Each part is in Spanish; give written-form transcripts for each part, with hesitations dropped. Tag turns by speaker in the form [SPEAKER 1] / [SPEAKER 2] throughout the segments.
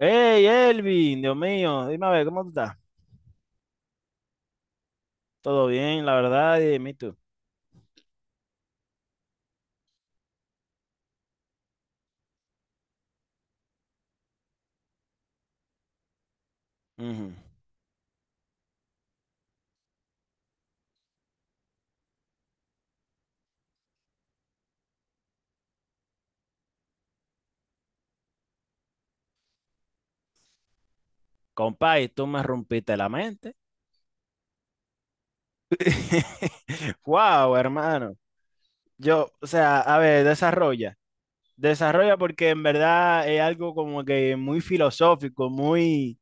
[SPEAKER 1] Hey, Elvin, Dios mío, dime a ver, ¿cómo tú estás? Todo bien, la verdad, y dime tú. Ujú. Compay, tú me rompiste la mente. Wow, hermano. Yo, o sea, a ver, desarrolla. Desarrolla porque en verdad es algo como que muy filosófico, muy,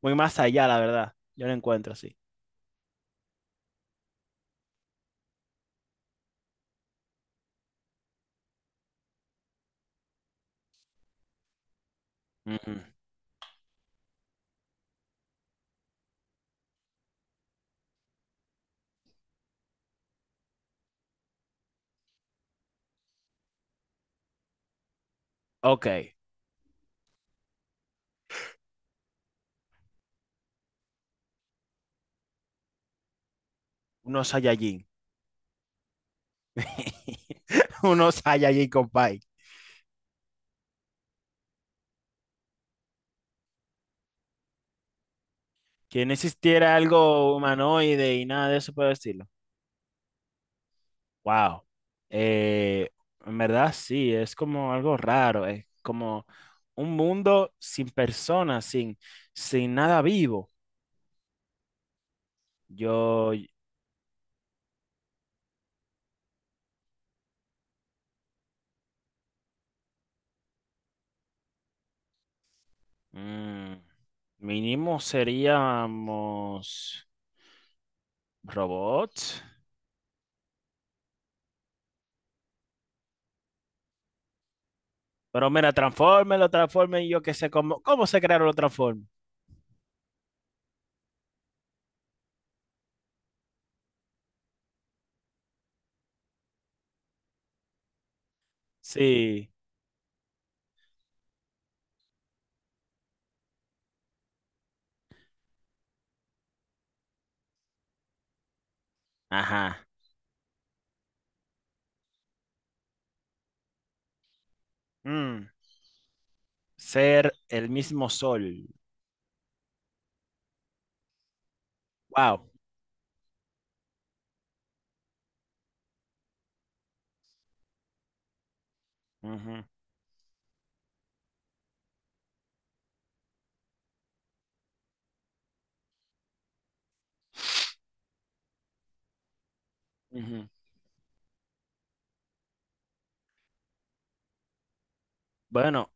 [SPEAKER 1] muy más allá, la verdad. Yo lo encuentro así. Ujú. Ok, unos Saiyajin. Unos Saiyajin, compay. Que no existiera algo humanoide y nada de eso por decirlo. Wow. Eh, en verdad sí, es como algo raro, es como un mundo sin personas, sin, sin nada vivo. Yo, mm, Mínimo seríamos robots. Pero mira, transforme, lo transforme y yo qué sé cómo, cómo se crearon los transformes. Sí, ajá. Mm, ser el mismo sol. Wow. Ujú, ujú. Bueno,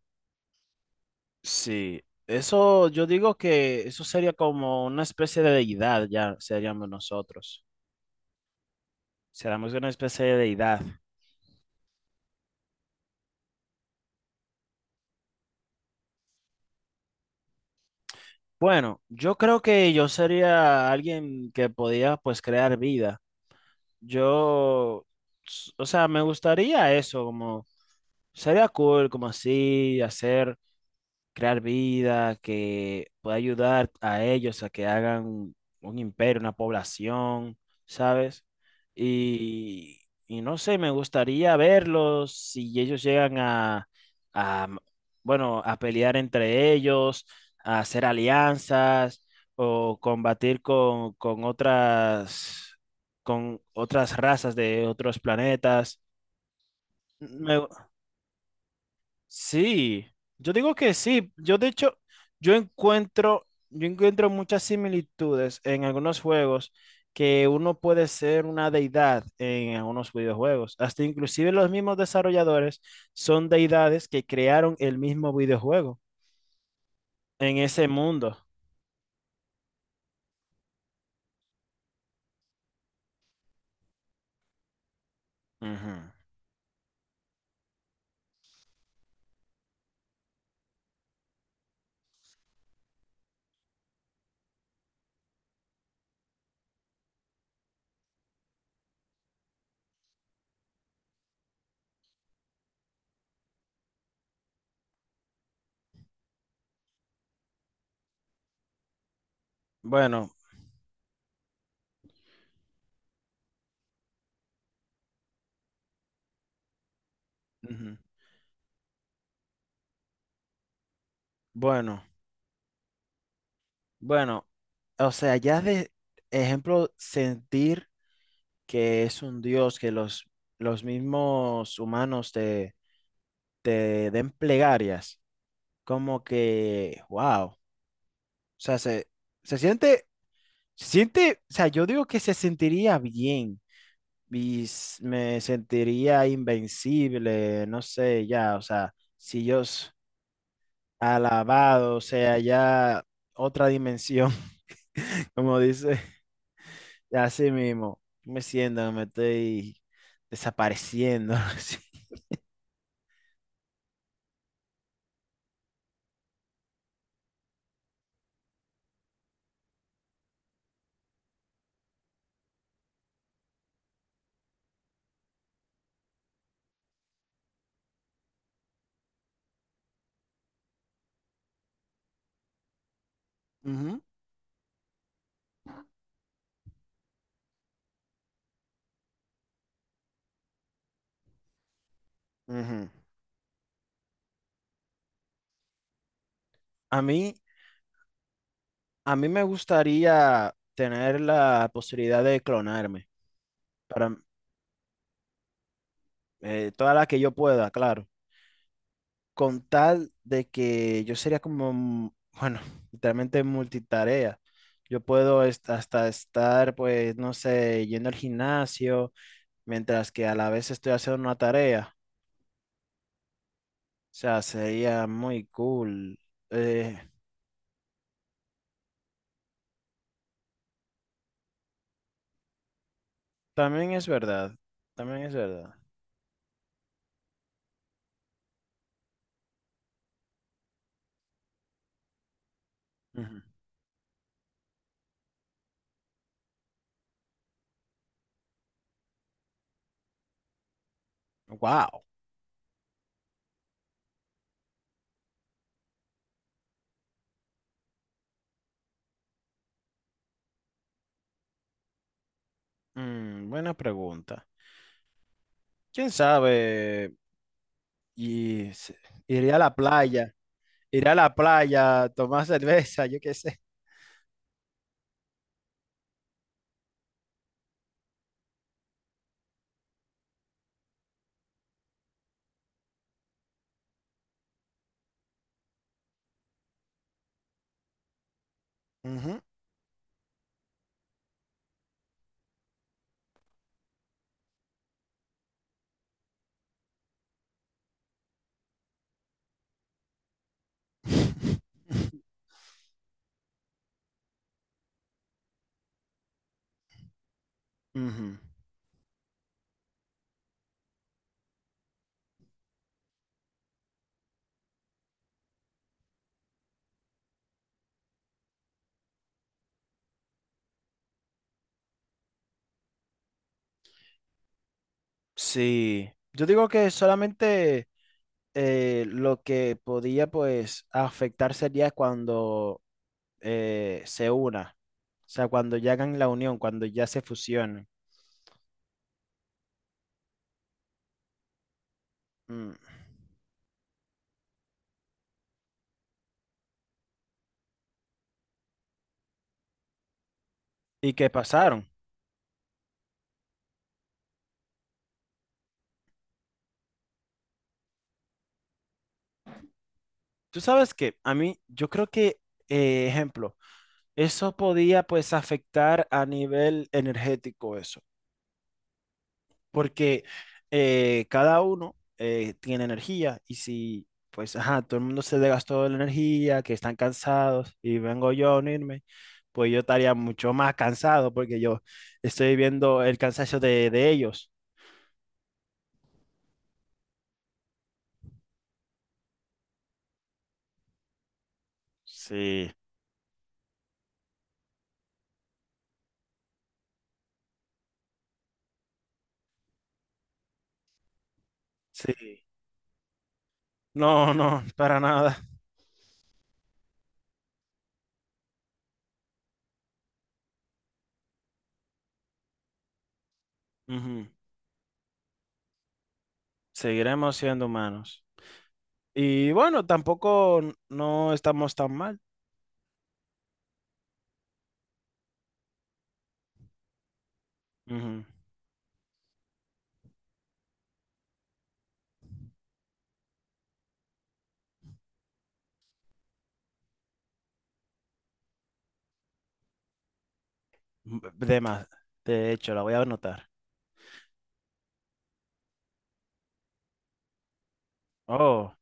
[SPEAKER 1] sí, eso yo digo que eso sería como una especie de deidad, ya seríamos nosotros. Seríamos una especie de deidad. Bueno, yo creo que yo sería alguien que podía pues crear vida. Yo, o sea, me gustaría eso, como sería cool, como así, hacer. Crear vida, que pueda ayudar a ellos a que hagan un imperio, una población, ¿sabes? Y, y no sé, me gustaría verlos si ellos llegan a, bueno, a pelear entre ellos, a hacer alianzas o combatir con otras razas de otros planetas. Me, Sí, yo digo que sí. Yo de hecho, yo encuentro muchas similitudes en algunos juegos que uno puede ser una deidad en algunos videojuegos. Hasta inclusive los mismos desarrolladores son deidades que crearon el mismo videojuego en ese mundo. Ujú. Bueno, ujú. Bueno, bueno, o sea, ya de ejemplo, sentir que es un dios, que los mismos humanos te den plegarias, como que, wow, o sea, se, se siente, se siente, o sea, yo digo que se sentiría bien y s- me sentiría invencible, no sé, ya, o sea, si yo s- alabado, o sea, ya otra dimensión, como dice, así mismo, me siento, me estoy desapareciendo, así. Ujú, ujú. A mí, A mí me gustaría tener la posibilidad de clonarme, para toda la que yo pueda, claro, con tal de que yo sería como, bueno, literalmente multitarea. Yo puedo est- hasta estar, pues, no sé, yendo al gimnasio, mientras que a la vez estoy haciendo una tarea. O sea, sería muy cool. Eh, También es verdad, también es verdad. Wow, buena pregunta. ¿Quién sabe? Y se- iré a la playa, iré a la playa, tomar cerveza, yo qué sé. Ujú. Ujú. Sí, yo digo que solamente lo que podía pues afectar sería cuando se una, o sea, cuando ya hagan la unión, cuando ya se fusionen. Mm. ¿Y qué pasaron? Tú sabes que a mí, yo creo que, ejemplo, eso podía pues afectar a nivel energético eso. Porque cada uno tiene energía y si, pues, ajá, todo el mundo se desgastó de la energía, que están cansados y vengo yo a unirme, pues yo estaría mucho más cansado porque yo estoy viendo el cansancio de ellos. Sí, sí. No, no, para nada. Ujú. Seguiremos siendo humanos. Y bueno, tampoco n- no estamos tan mal. Ujú. De más, de hecho, la voy a anotar. Oh,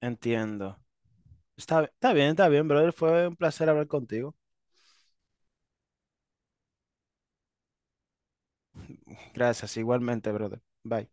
[SPEAKER 1] entiendo. Está, está bien, brother. Fue un placer hablar contigo. Gracias, igualmente, brother. Bye.